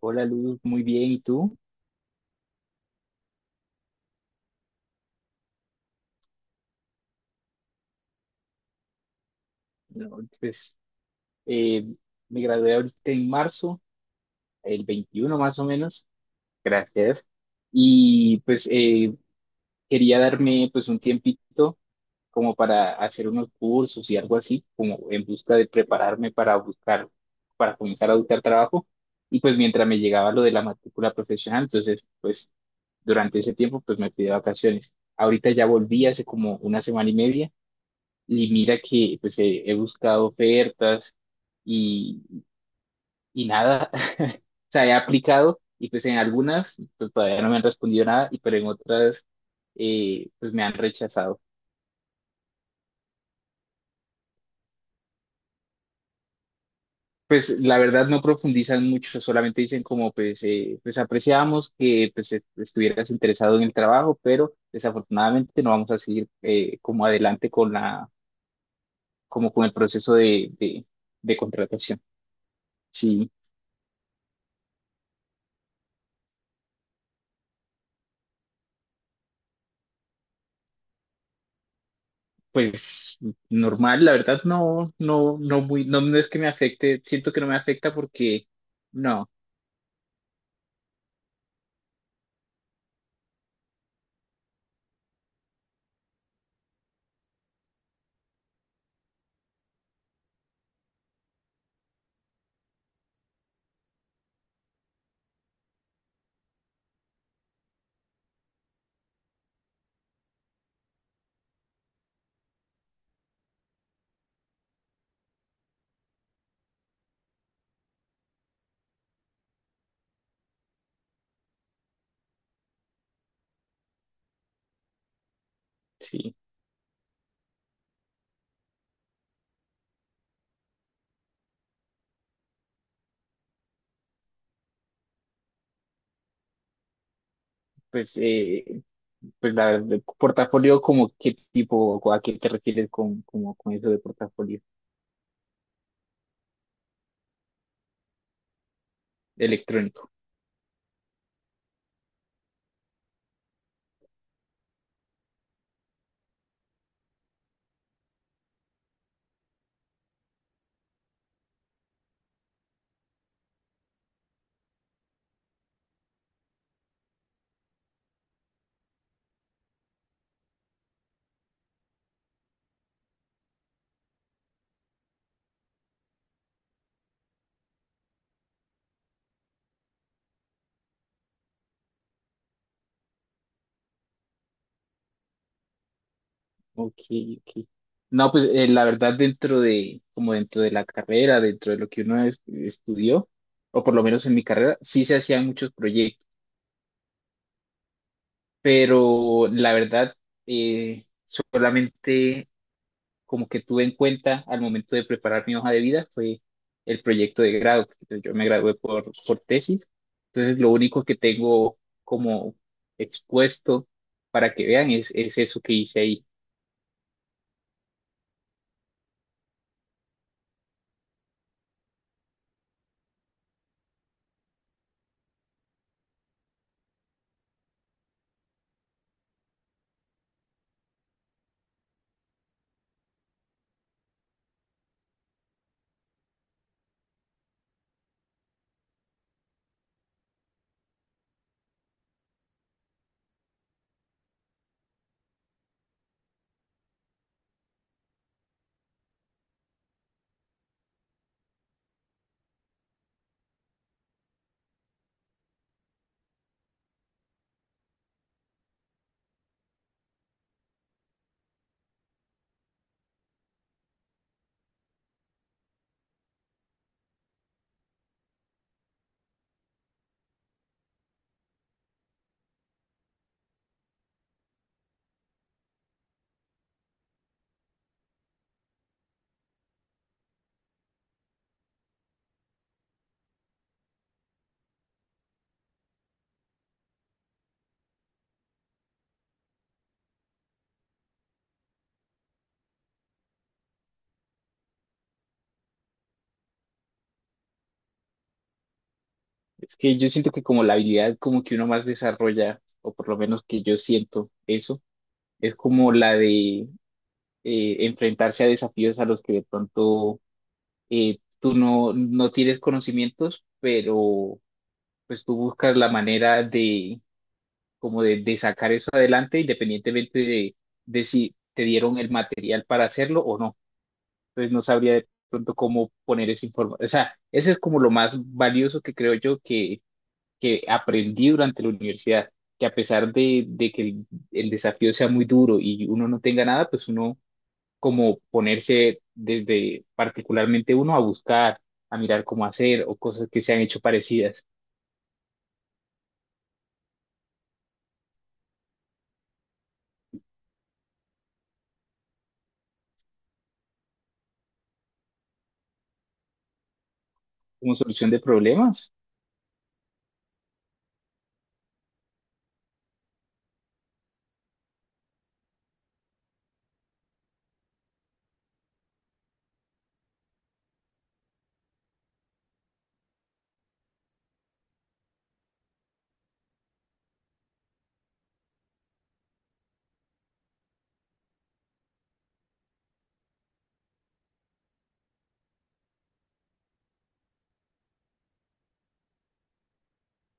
Hola Luz, muy bien, ¿y tú? No, pues eh, me gradué ahorita en marzo, el 21 más o menos, gracias. Y pues quería darme pues un tiempito como para hacer unos cursos y algo así, como en busca de prepararme para buscar, para comenzar a buscar trabajo. Y pues mientras me llegaba lo de la matrícula profesional, entonces pues durante ese tiempo pues me fui de vacaciones. Ahorita ya volví hace como una semana y media. Y mira que pues he buscado ofertas y, y nada, o sea, he aplicado y pues en algunas pues todavía no me han respondido nada, y pero en otras pues me han rechazado. Pues la verdad no profundizan mucho, solamente dicen como pues, pues apreciamos que pues estuvieras interesado en el trabajo, pero desafortunadamente no vamos a seguir como adelante con la, como con el proceso de contratación. Sí. Pues normal, la verdad no muy, no es que me afecte, siento que no me afecta porque no, sí, pues, pues la verdad, portafolio como qué tipo, o a qué te refieres con, como, con eso de portafolio electrónico. Ok, ok. No, pues la verdad dentro de, como dentro de la carrera, dentro de lo que uno estudió, o por lo menos en mi carrera, sí se hacían muchos proyectos, pero la verdad solamente como que tuve en cuenta al momento de preparar mi hoja de vida fue el proyecto de grado, porque yo me gradué por tesis, entonces lo único que tengo como expuesto para que vean es eso que hice ahí. Es que yo siento que como la habilidad como que uno más desarrolla, o por lo menos que yo siento eso, es como la de enfrentarse a desafíos a los que de pronto tú no tienes conocimientos, pero pues tú buscas la manera de como de sacar eso adelante independientemente de si te dieron el material para hacerlo o no. Entonces no sabría de pronto cómo poner ese informe. O sea, ese es como lo más valioso que creo yo que aprendí durante la universidad, que a pesar de que el desafío sea muy duro y uno no tenga nada, pues uno como ponerse desde particularmente uno a buscar, a mirar cómo hacer o cosas que se han hecho parecidas como solución de problemas.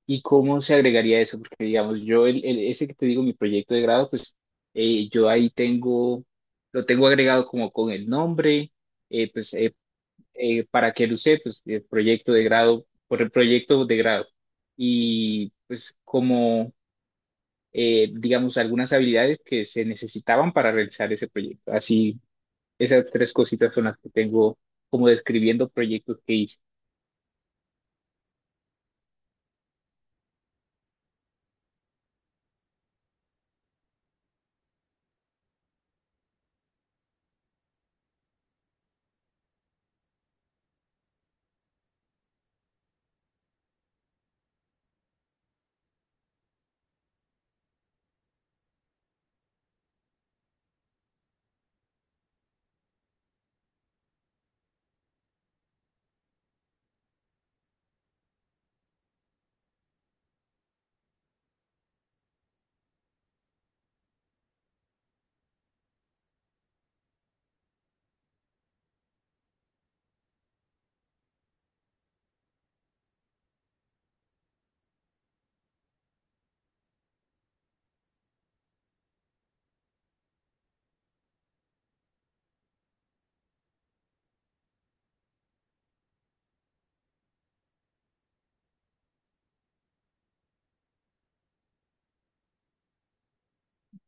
¿Y cómo se agregaría eso? Porque, digamos, yo, ese que te digo, mi proyecto de grado, pues yo ahí tengo, lo tengo agregado como con el nombre, eh, pues eh, para que lo use, pues el proyecto de grado, por el proyecto de grado. Y pues como, digamos, algunas habilidades que se necesitaban para realizar ese proyecto. Así, esas tres cositas son las que tengo como describiendo proyectos que hice.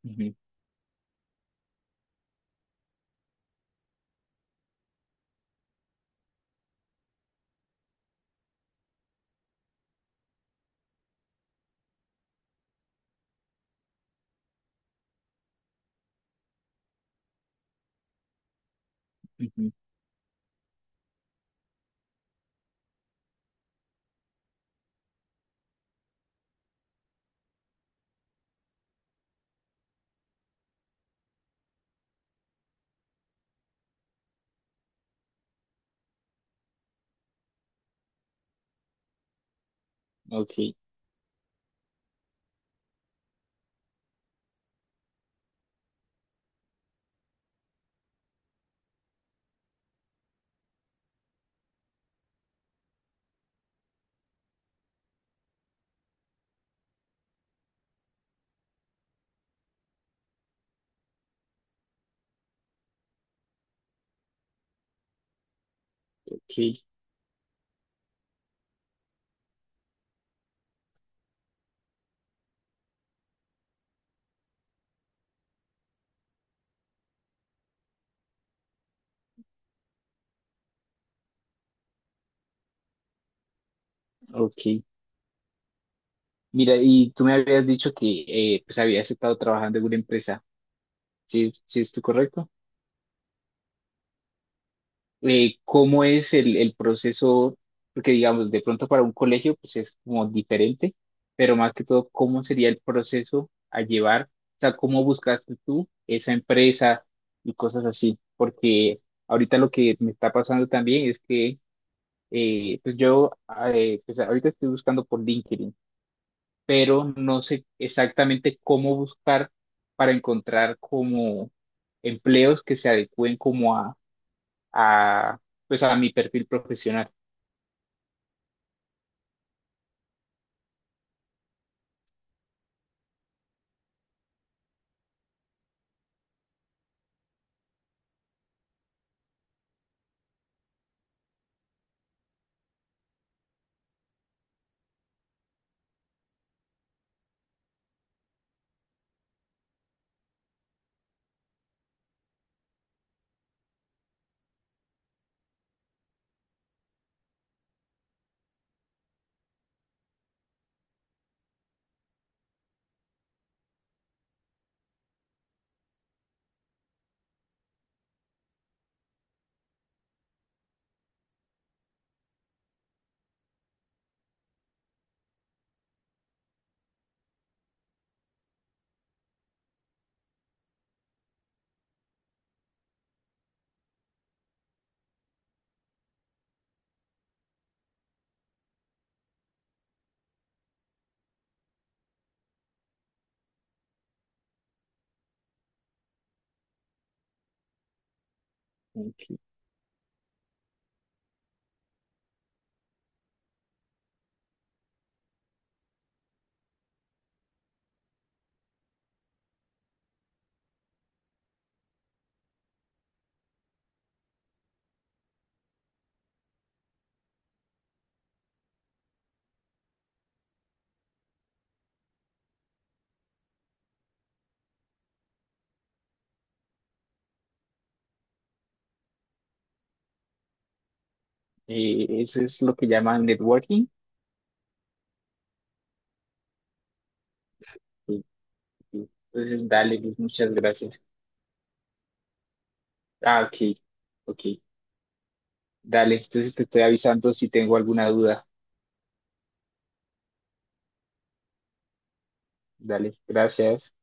Ujú, ujú. Ok, ok, ok. Mira, y tú me habías dicho que pues habías estado trabajando en una empresa, ¿sí, sí estoy correcto? ¿Cómo es el proceso? Porque digamos, de pronto para un colegio pues es como diferente, pero más que todo, ¿cómo sería el proceso a llevar? O sea, ¿cómo buscaste tú esa empresa y cosas así? Porque ahorita lo que me está pasando también es que pues ahorita estoy buscando por LinkedIn, pero no sé exactamente cómo buscar para encontrar como empleos que se adecúen como a, pues a mi perfil profesional. Ok. Eso es lo que llaman networking. Ok, ok. Entonces, dale, Luz, muchas gracias. Ah, ok, ok, dale. Entonces te estoy avisando si tengo alguna duda. Dale, gracias.